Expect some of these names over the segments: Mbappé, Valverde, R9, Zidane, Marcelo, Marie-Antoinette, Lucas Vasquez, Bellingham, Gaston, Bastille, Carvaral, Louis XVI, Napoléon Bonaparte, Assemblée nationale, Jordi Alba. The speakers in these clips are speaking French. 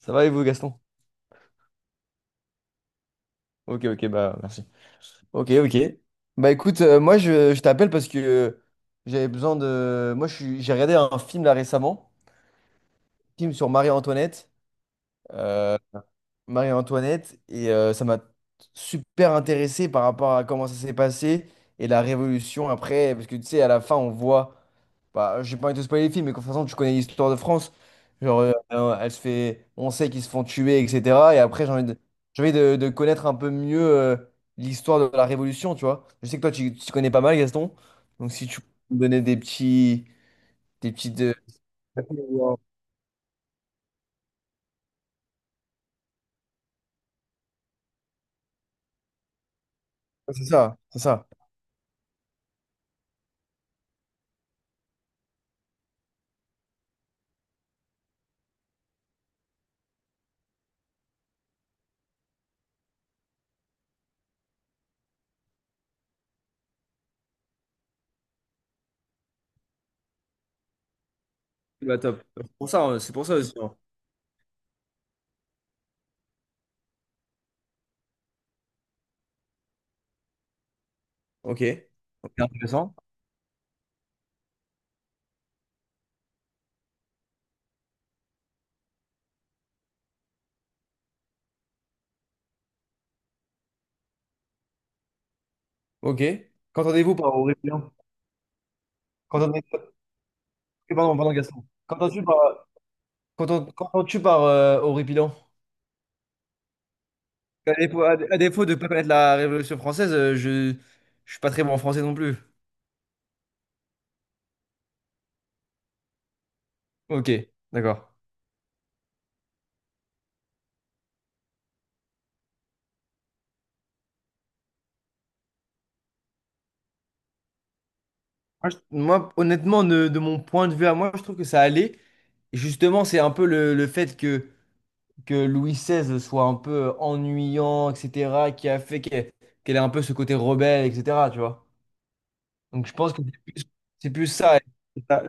Ça va et vous, Gaston? Ok, ok, bah merci. Ok, ok. Bah écoute, moi je t'appelle parce que j'avais besoin de. J'ai regardé un film là récemment, film sur Marie-Antoinette. Euh, Marie-Antoinette et ça m'a super intéressé par rapport à comment ça s'est passé et la révolution après, parce que tu sais, à la fin, on voit, bah, j'ai pas envie de te spoiler le film mais de toute façon, tu connais l'histoire de France, genre, elle se fait, on sait qu'ils se font tuer, etc. Et après, j'ai envie de connaître un peu mieux l'histoire de la révolution, tu vois. Je sais que toi, tu connais pas mal, Gaston, donc si tu peux me donner des petits, des petites, c'est ça, c'est ça. Bah, top. C'est pour ça, hein, c'est pour ça aussi. Ok. Ok, intéressant. Ok. Qu'entendez-vous par horripilant? Qu'entendez... Pardon, pardon, Gaston. Qu'entends-tu par horripilant? À défaut, à défaut de ne pas connaître la Révolution française, je suis pas très bon en français non plus. Ok, d'accord. Moi, honnêtement, de mon point de vue à moi, je trouve que ça allait. Et justement, c'est un peu le fait que Louis XVI soit un peu ennuyant, etc., qui a fait qu'elle ait un peu ce côté rebelle, etc., tu vois. Donc je pense que c'est plus ça. Elle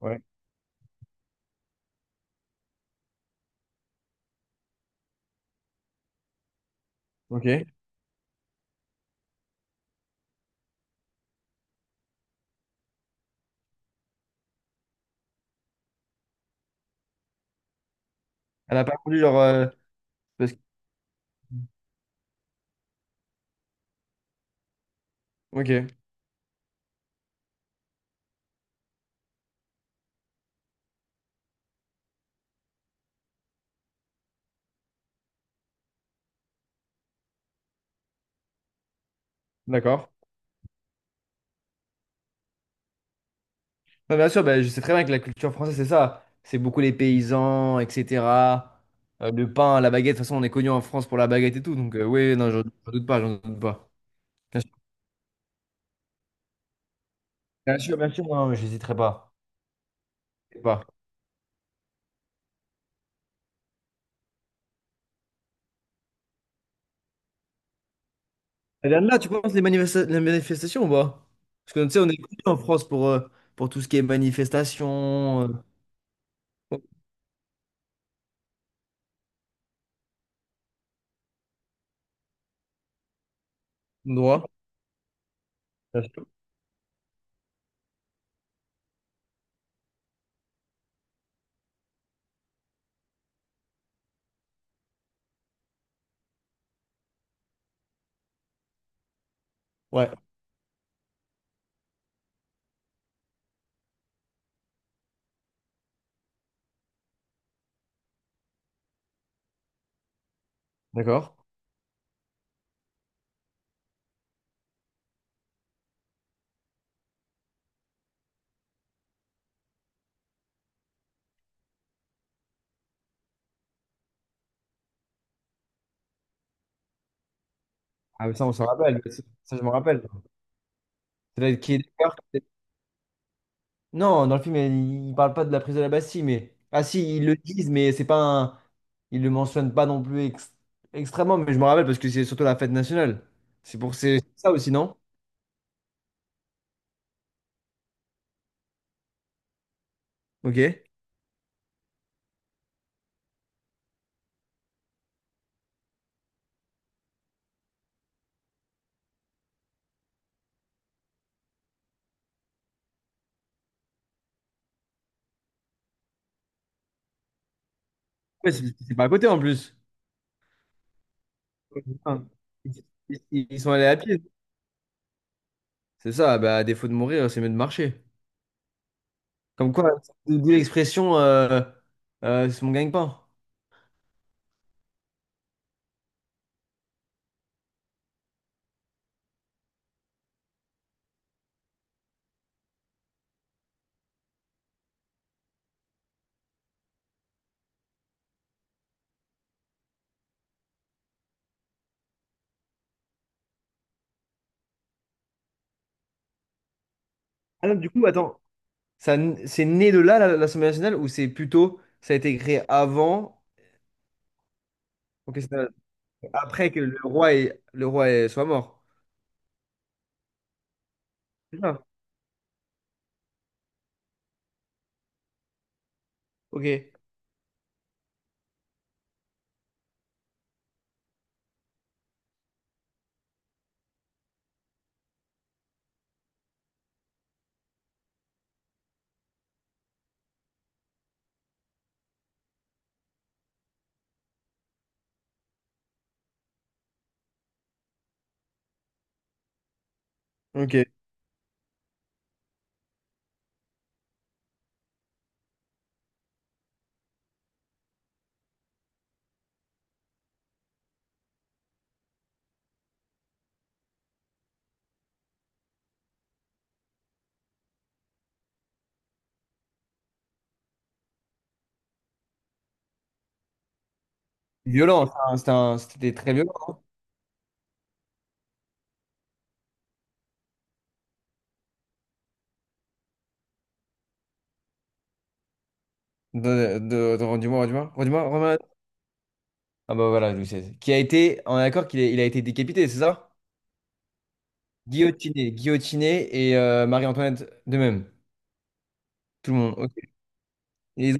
Ouais. Ok. Elle a pas voulu genre parce que- ok, d'accord. Non, bien sûr, bah, je sais très bien que la culture française, c'est ça. C'est beaucoup les paysans, etc. Le pain, la baguette. De toute façon, on est connu en France pour la baguette et tout. Donc, oui, non, j'en doute pas, j'en doute pas. Bien sûr, bien sûr, bien sûr, non, mais j'hésiterai pas. Je pas. Et là, là, tu penses les manifestations ou pas? Parce que, tu sais, on est connu en France pour tout ce qui est manifestation, droit. Bien sûr. Ouais. D'accord. Ah, mais ça, on s'en rappelle. Ça, je me rappelle. C'est là qui est d'accord. Non, dans le film, il ne parle pas de la prise de la Bastille, mais. Ah, si, ils le disent, mais c'est pas un. Ils le mentionnent pas non plus extrêmement, mais je me rappelle parce que c'est surtout la fête nationale. C'est ça aussi, non? Ok. Ouais, c'est c'est pas à côté en plus. Putain. Ils, ils sont allés à pied. C'est ça, bah, à défaut de mourir, c'est mieux de marcher. Comme quoi, d'où l'expression c'est mon gagne-pain. Ah non, du coup, attends. C'est né de là, l'Assemblée nationale, ou c'est plutôt, ça a été créé avant, ok, après que le roi soit mort. C'est ça. Ok. Ok. Violent, ça, hein, c'était très violent. Redis-moi, redis-moi, redis-moi, redis-moi. Ah bah voilà, Louis XVI. Qui a été, on est d'accord il a été décapité, c'est ça? Guillotiné, guillotiné et Marie-Antoinette de même. Tout le monde, ok. Et ils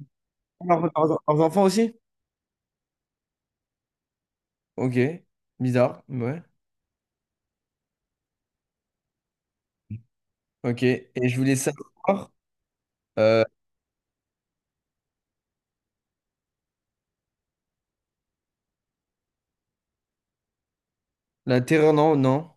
ont leurs enfants aussi? Ok. Bizarre, ouais. Ok. Et je voulais savoir. euh, La terreur, non, non.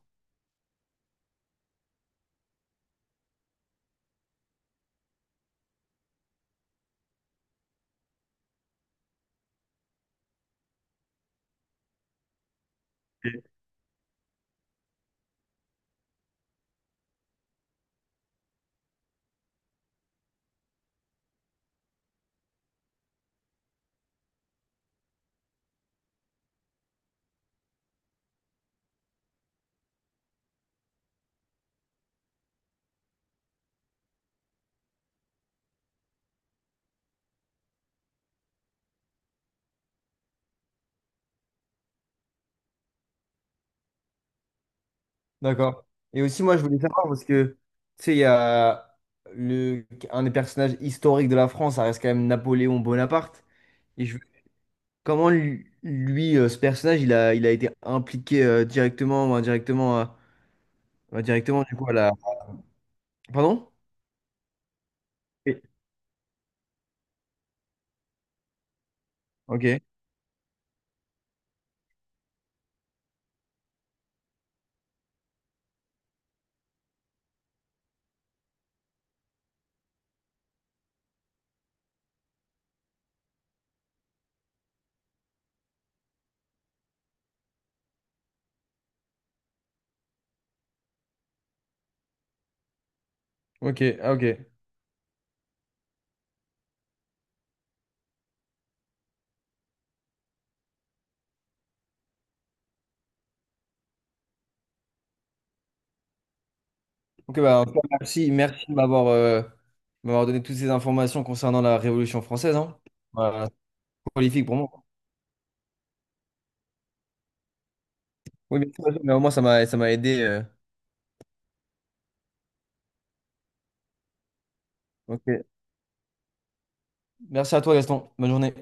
D'accord. Et aussi, moi, je voulais savoir parce que, tu sais, il y a un des personnages historiques de la France, ça reste quand même Napoléon Bonaparte. Et je, Comment ce personnage, il a été impliqué directement ou indirectement, directement, du coup, à la. Pardon? Oui. Ok, ok, ah, ok. Ok, bah, en tout cas, merci, merci de m'avoir donné toutes ces informations concernant la Révolution française. Hein. Voilà, c'est prolifique pour moi. Oui, bien sûr, mais au moins, ça m'a aidé. Ok. Merci à toi, Gaston. Bonne journée.